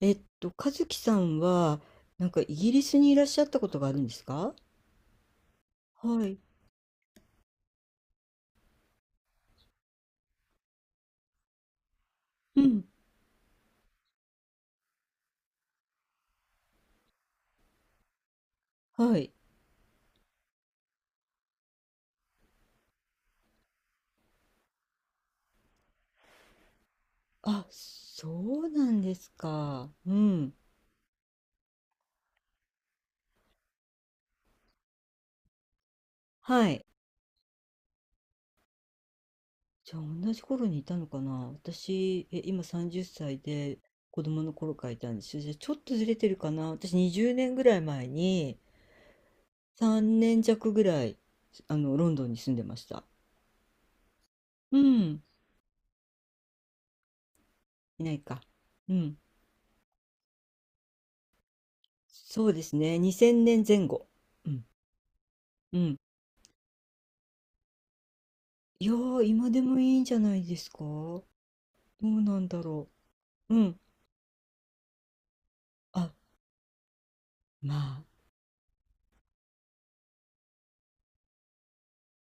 和樹さんは、なんかイギリスにいらっしゃったことがあるんですか？はい。うん。はい。あ、そうなんですか。うん。はい。じゃあ、同じ頃にいたのかな、私、今30歳で、子供の頃からいたんですよ。じゃあ、ちょっとずれてるかな、私、20年ぐらい前に、3年弱ぐらい、ロンドンに住んでました。うん。いないか。うん。そうですね。2000年前後。うん。うん。いやー、今でもいいんじゃないですか？どうなんだろう。うん。あ、ま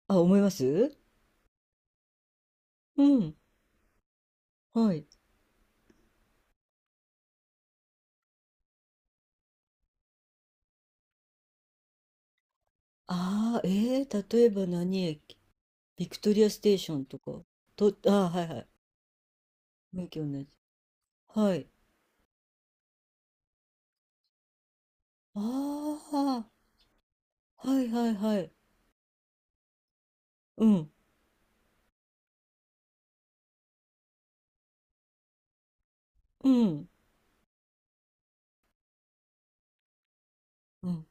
あ。あ、思います。うん。はい。ああ、例えば何駅？ビクトリアステーションとか。と、あー、はいはい。雰囲同じ。はい。ああ、はいはいはい。うん。うん。うん。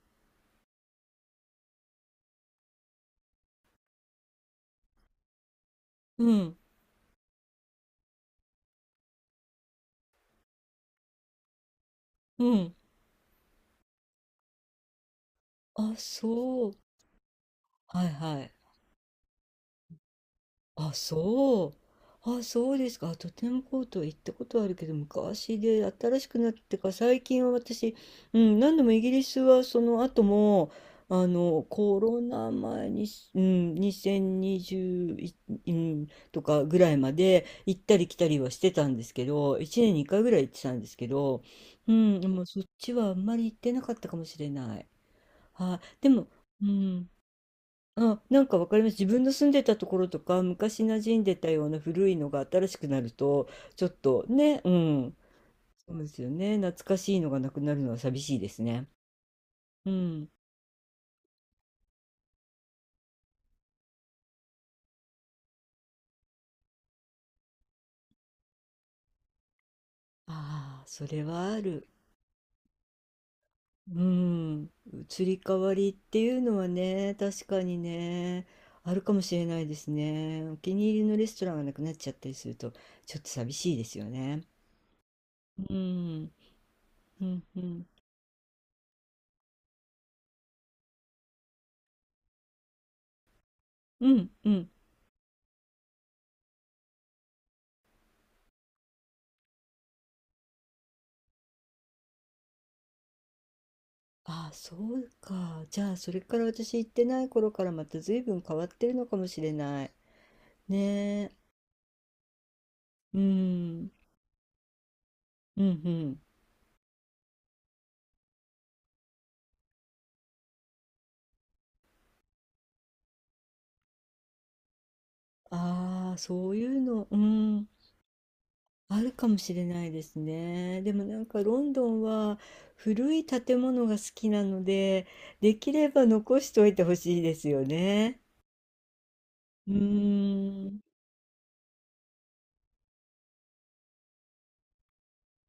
うん。うん。あ、そう。はいはい。あ、そう。あ、そうですか。あとてもコートは行ったことあるけど、昔で新しくなってか、最近は私、うん、何度もイギリスはその後も、コロナ前に、うん、2020、うん、とかぐらいまで行ったり来たりはしてたんですけど、1年に回ぐらい行ってたんですけど、うん、でもそっちはあんまり行ってなかったかもしれない。はい、でも、うん、あ、なんかわかります。自分の住んでたところとか、昔馴染んでたような古いのが新しくなると、ちょっとね、うん、そうですよね。懐かしいのがなくなるのは寂しいですね。うん。ああ、それはある。うん。移り変わりっていうのはね、確かにね、あるかもしれないですね。お気に入りのレストランがなくなっちゃったりすると、ちょっと寂しいですよね。うん。うん、うん。うん、うん。ああ、そうか。じゃあ、それから私行ってない頃からまた随分変わってるのかもしれない。ねえ。うん。うんうん。ああ、そういうの、うん。あるかもしれないですね。でもなんかロンドンは古い建物が好きなので、できれば残しておいてほしいですよね。うん。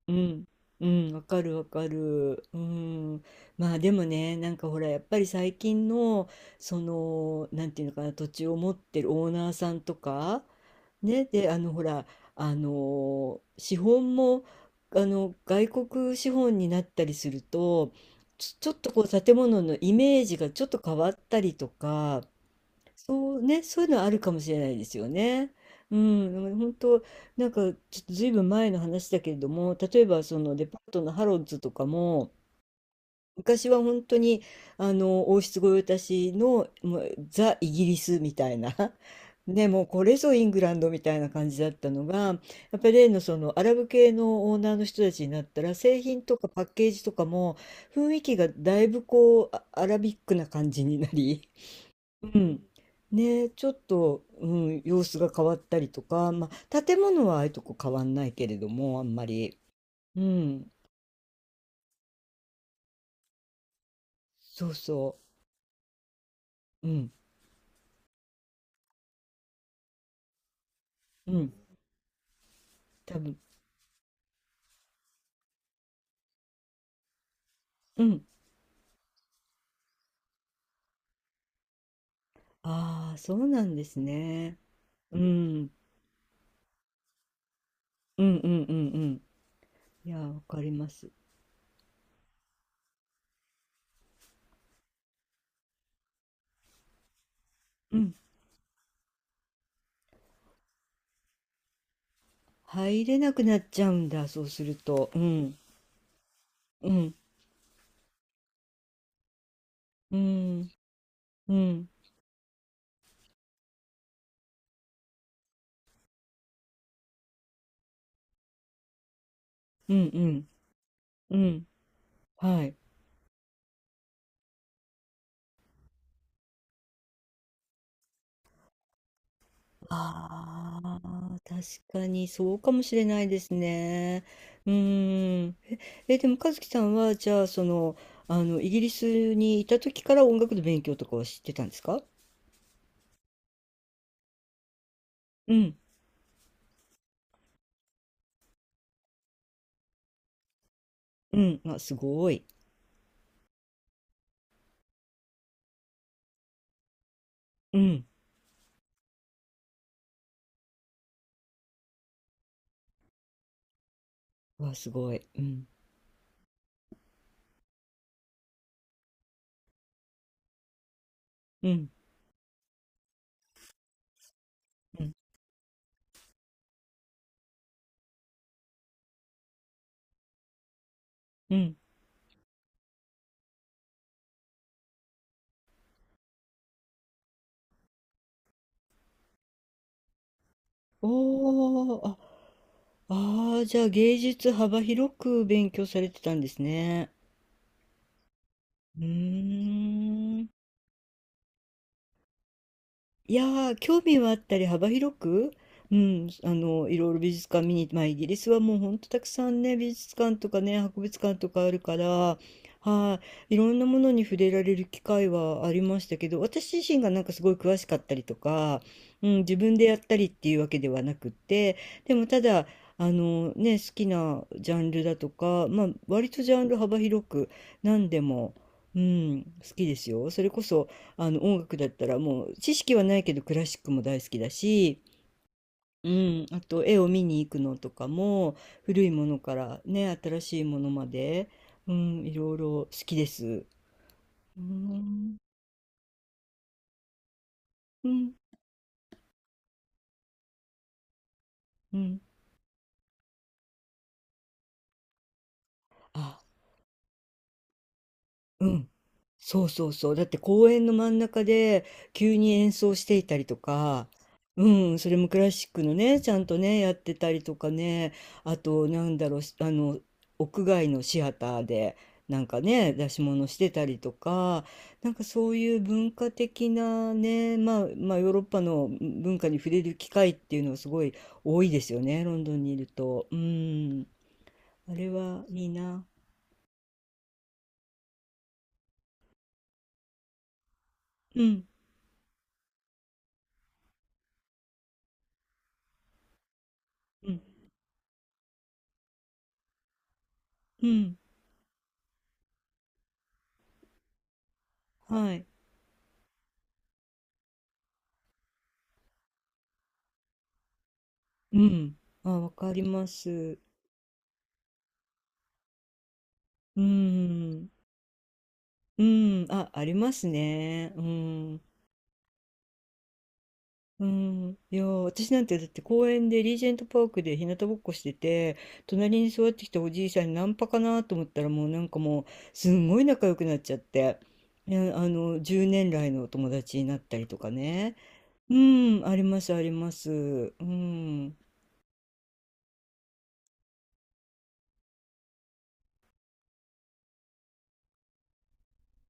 うん、うん、わかるわかる。うん。まあでもね、なんかほら、やっぱり最近の、その、なんていうのかな、土地を持ってるオーナーさんとか、ね、で、ほら、資本も、外国資本になったりすると、ちょっとこう、建物のイメージがちょっと変わったりとか、そうね、そういうのはあるかもしれないですよね。うん、だから本当、なんか、ちょっとずいぶん前の話だけれども、例えばそのデパートのハロッズとかも、昔は本当にあの王室御用達のもうザ・イギリスみたいな ね、もうこれぞイングランドみたいな感じだったのが、やっぱり例のそのアラブ系のオーナーの人たちになったら、製品とかパッケージとかも雰囲気がだいぶこうあアラビックな感じになり、うん。ね、ちょっと、うん、様子が変わったりとか、まあ、建物はああいうとこ変わんないけれども、あんまり。うん。そうそう。うん。うん。多分。うん。ああ、そうなんですね。うん。うんうんうんうん。いや、わかります。うん。入れなくなっちゃうんだ、そうすると。うん。うん。うん。うん。うんうん。うん。はい。ああ、確かにそうかもしれないですね。うーん。でも和樹さんは、じゃあ、イギリスにいた時から音楽の勉強とかは知ってたんですか？うん、うん、あ、すごい。うん、わ、すごい。うん、うん、うん、うん。おー、あ、あー、じゃあ芸術幅広く勉強されてたんですね。うーん。いやー、興味はあったり幅広く、うん、いろいろ美術館見に、まあ、イギリスはもうほんとたくさんね、美術館とかね、博物館とかあるから、はい、いろんなものに触れられる機会はありましたけど、私自身がなんかすごい詳しかったりとか、うん、自分でやったりっていうわけではなくって、でもただ、あのね、好きなジャンルだとか、まあ、割とジャンル幅広く何でも、うん、好きですよ。それこそ、音楽だったらもう知識はないけどクラシックも大好きだし、うん、あと絵を見に行くのとかも古いものからね新しいものまで、うん、いろいろ好きです。うん、うん、うん。あ、うん。そうそうそう。だって公園の真ん中で急に演奏していたりとか、うん、それもクラシックのね、ちゃんとね、やってたりとかね、あと、なんだろう、しあの、屋外のシアターで、なんかね、出し物してたりとか、なんかそういう文化的なね、まあ、まあ、ヨーロッパの文化に触れる機会っていうのはすごい多いですよね、ロンドンにいると。うん、あれはいいな。うん、うん、うん、はい。うん。あ、わかります。うん。うん。あ、ありますね。うん。うん。いや、私なんてだって公園でリージェントパークで日向ぼっこしてて、隣に座ってきたおじいさんにナンパかなと思ったらもうなんかもうすんごい仲良くなっちゃって、ね、10年来のお友達になったりとかね。うん。あります、あります。うん。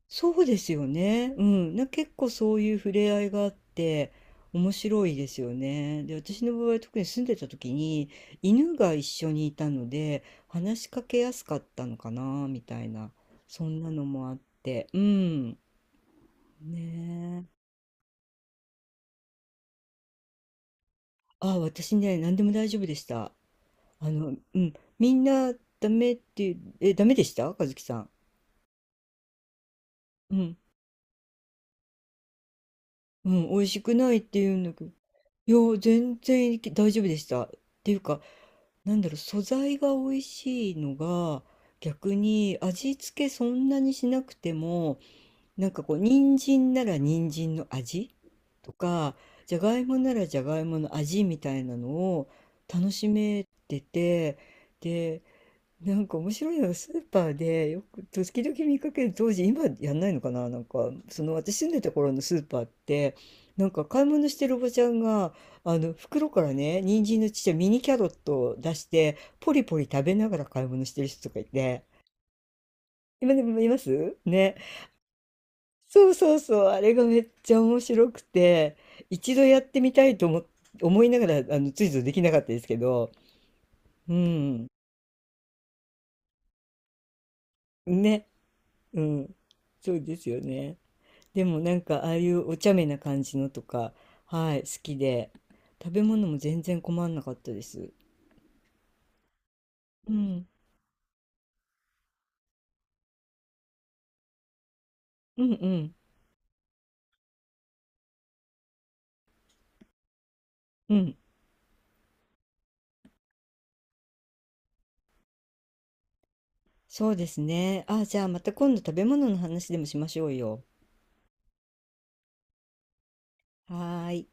そうですよね。うん。結構そういう触れ合いがあって、面白いですよね。で、私の場合、特に住んでた時に、犬が一緒にいたので、話しかけやすかったのかな、みたいな。そんなのもあって。うん。ねえ。あ、私ね、何でも大丈夫でした。うん。みんな、ダメっていう、ダメでした、和樹さん。うん。うん。美味しくないって言うんだけど。いや、全然大丈夫でした。っていうか、なんだろう、素材が美味しいのが、逆に味付けそんなにしなくても、なんかこう、人参なら人参の味とか、じゃがいもならじゃがいもの味みたいなのを楽しめてて、なんか面白いのはスーパーでよく時々見かける、当時、今やんないのかな、なんかその私住んでた頃のスーパーって、なんか買い物してるおばちゃんが、あの袋からね、人参のちっちゃいミニキャロットを出して、ポリポリ食べながら買い物してる人とかいて、今でもいますね。そうそうそう、あれがめっちゃ面白くて、一度やってみたいと思いながら、ついぞできなかったですけど。うん。ね。うん。そうですよね。でもなんかああいうお茶目な感じのとか、はい、好きで、食べ物も全然困んなかったです。うん、うんうんうん、そうですね。あ、じゃあまた今度食べ物の話でもしましょうよ。はーい。